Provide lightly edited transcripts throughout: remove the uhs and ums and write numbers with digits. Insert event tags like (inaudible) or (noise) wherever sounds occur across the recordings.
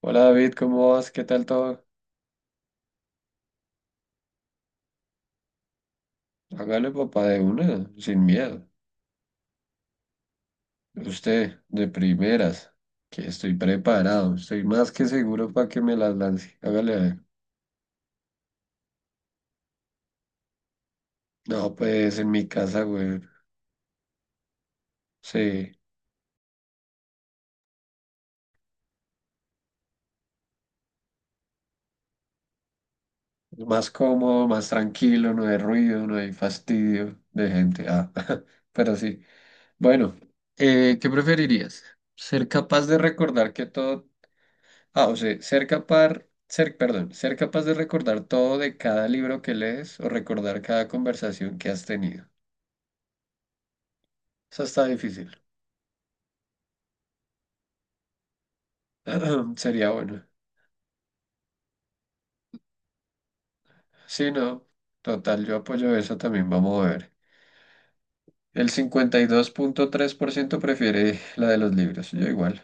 Hola David, ¿cómo vas? ¿Qué tal todo? Hágale papá de una, sin miedo. Usted, de primeras, que estoy preparado, estoy más que seguro para que me las lance. Hágale a ver. No, pues en mi casa, güey. Sí, más cómodo, más tranquilo, no hay ruido, no hay fastidio de gente. Ah, (laughs) pero sí. Bueno, ¿qué preferirías? ¿Ser capaz de recordar que todo Ah, o sea, ser capaz de recordar todo de cada libro que lees o recordar cada conversación que has tenido. Eso está difícil. (clears throat) Sería bueno. Sí, no, total, yo apoyo eso también. Vamos a ver. El 52,3% prefiere la de los libros. Yo igual.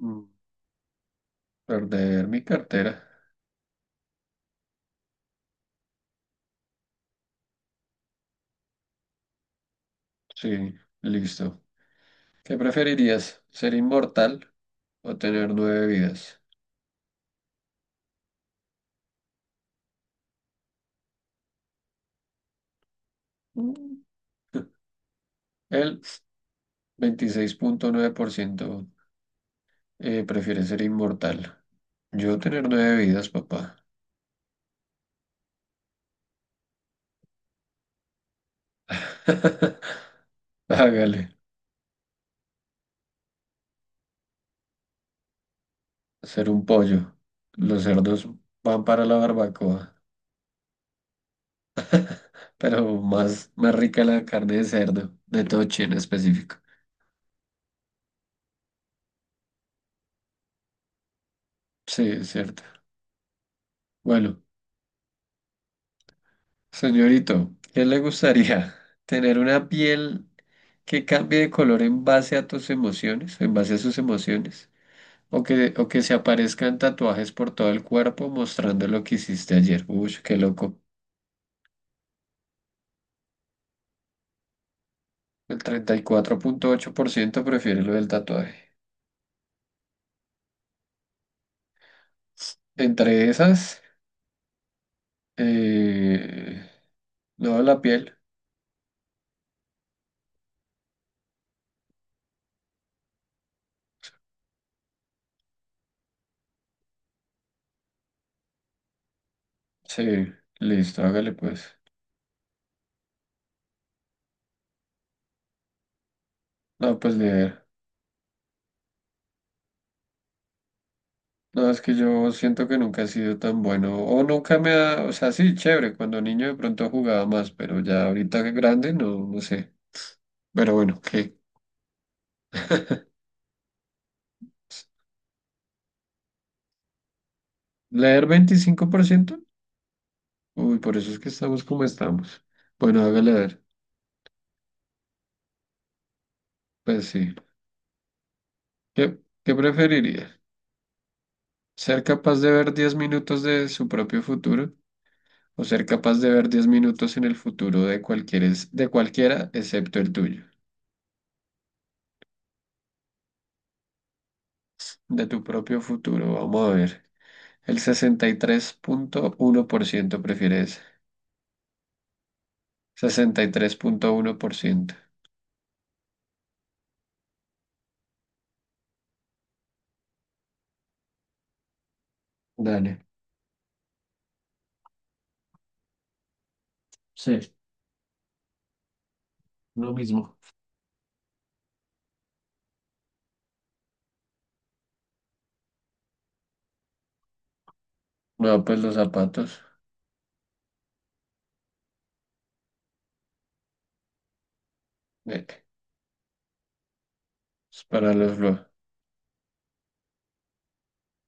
Mm, Perder mi cartera. Sí, listo. ¿Qué preferirías? ¿Ser inmortal o tener nueve vidas? Mm, El 26,9%. Prefiere ser inmortal. Yo tener nueve vidas, papá. (laughs) Hágale, ser un pollo. Los cerdos van para la barbacoa, pero más, más rica la carne de cerdo, de toche en específico. Sí, es cierto. Bueno, señorito, ¿qué le gustaría? (laughs) ¿Tener una piel que cambie de color en base a tus emociones, en base a sus emociones? ¿O que se aparezcan tatuajes por todo el cuerpo mostrando lo que hiciste ayer? Uy, qué loco. El 34,8% prefiere lo del tatuaje. Entre esas, eh, no, la piel. Sí, listo, hágale pues. No, pues ni idea. No, es que yo siento que nunca he sido tan bueno. O nunca me ha. O sea, sí, chévere. Cuando niño de pronto jugaba más, pero ya ahorita que grande, no, no sé. Pero bueno, ¿qué? ¿Leer 25%? Uy, por eso es que estamos como estamos. Bueno, hágale a ver. Pues sí. ¿Qué, qué preferiría? Ser capaz de ver 10 minutos de su propio futuro o ser capaz de ver 10 minutos en el futuro de de cualquiera excepto el tuyo, de tu propio futuro. Vamos a ver. El 63,1% prefiere eso. 63,1%. Dale, sí, lo mismo. No, pues los zapatos. eh, es para los flojos.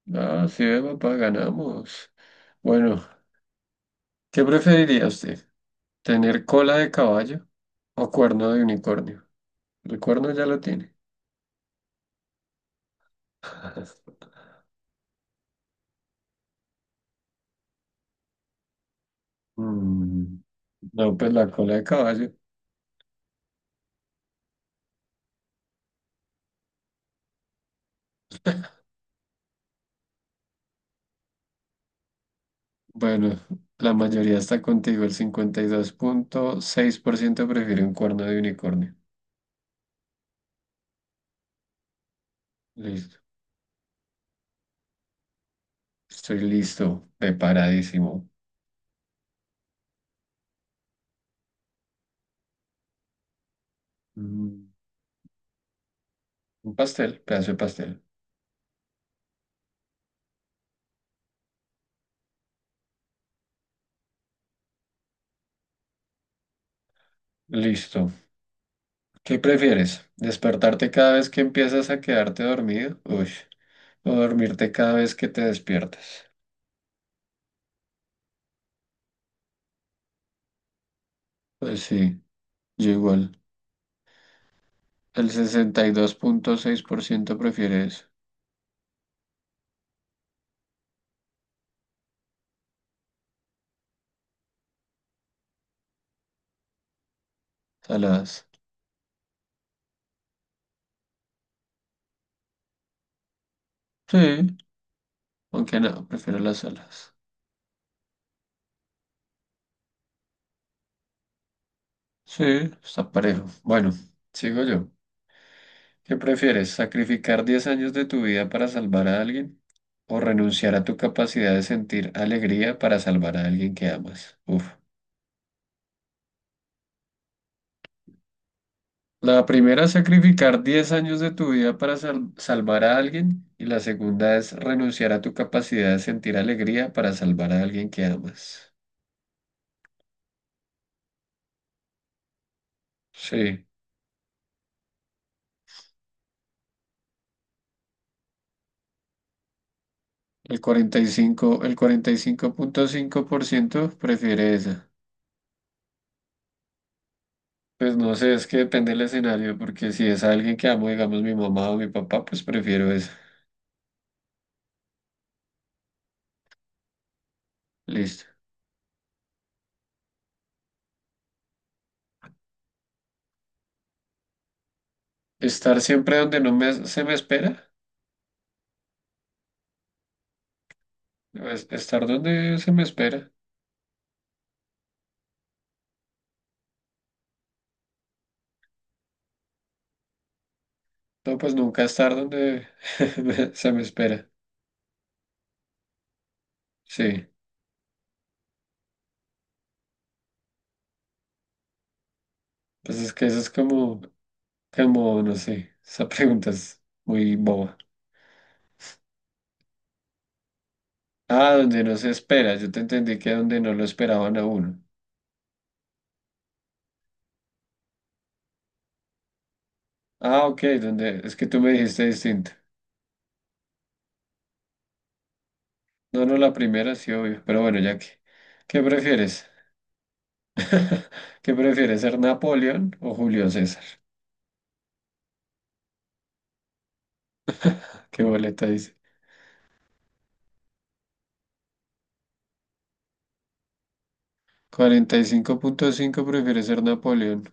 No, sí, ve, papá, ganamos. Bueno, ¿qué preferiría usted? ¿Tener cola de caballo o cuerno de unicornio? El cuerno ya lo tiene. (laughs) Mm. No, pues la cola de caballo. Bueno, la mayoría está contigo. El 52,6% prefiere un cuerno de unicornio. Listo. Estoy listo, preparadísimo. Mm, Un pastel, pedazo de pastel. Listo. ¿Qué prefieres? ¿Despertarte cada vez que empiezas a quedarte dormido? Uy. ¿O dormirte cada vez que te despiertas? Pues sí, yo igual. El 62,6% prefiere eso. Saladas. Sí, aunque no, prefiero las saladas. Sí, está parejo. Bueno, sigo yo. ¿Qué prefieres? ¿Sacrificar 10 años de tu vida para salvar a alguien? ¿O renunciar a tu capacidad de sentir alegría para salvar a alguien que amas? Uf. La primera, sacrificar 10 años de tu vida para salvar a alguien. Y la segunda es renunciar a tu capacidad de sentir alegría para salvar a alguien que amas. Sí. El cuarenta y cinco cinco punto cinco por ciento prefiere esa. Pues no sé, es que depende del escenario, porque si es alguien que amo, digamos mi mamá o mi papá, pues prefiero eso. Listo. Estar siempre donde no me, se me espera. Pues, estar donde se me espera. No, pues nunca estar donde (laughs) se me espera. Sí. Pues es que eso es como, no sé, esa pregunta es muy boba. Ah, donde no se espera. Yo te entendí que donde no lo esperaban a uno. Ah, ok, donde, es que tú me dijiste distinto. No, no, la primera sí, obvio. Pero bueno, ya que, ¿qué prefieres? (laughs) ¿Qué prefiere ser Napoleón o Julio César? (laughs) ¿Qué boleta dice? 45,5 prefiere ser Napoleón.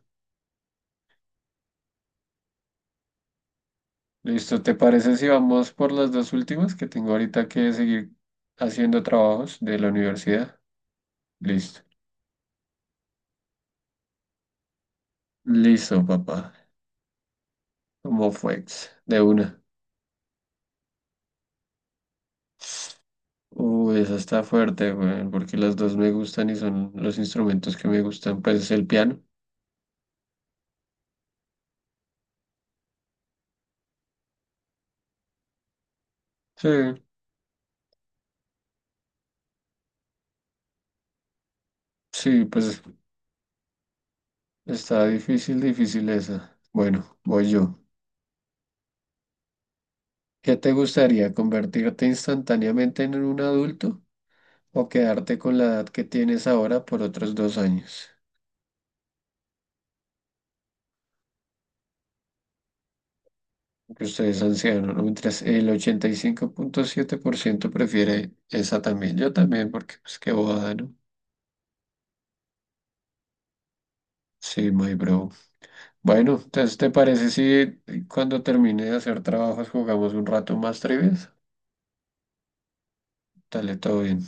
Listo, ¿te parece si vamos por las dos últimas que tengo ahorita que seguir haciendo trabajos de la universidad? Listo. Listo, papá. ¿Cómo fue? De una. Uy, esa está fuerte, güey, porque las dos me gustan y son los instrumentos que me gustan. Pues el piano. Sí, sí, pues está difícil, difícil esa. Bueno, voy yo. ¿Qué te gustaría? ¿Convertirte instantáneamente en un adulto o quedarte con la edad que tienes ahora por otros 2 años? Que ustedes ancianos, ¿no? Mientras el 85.7% prefiere esa también. Yo también, porque pues qué bobada, ¿no? Sí, my bro. Bueno, entonces, ¿te parece si cuando termine de hacer trabajos jugamos un rato más trivias? Dale, todo bien.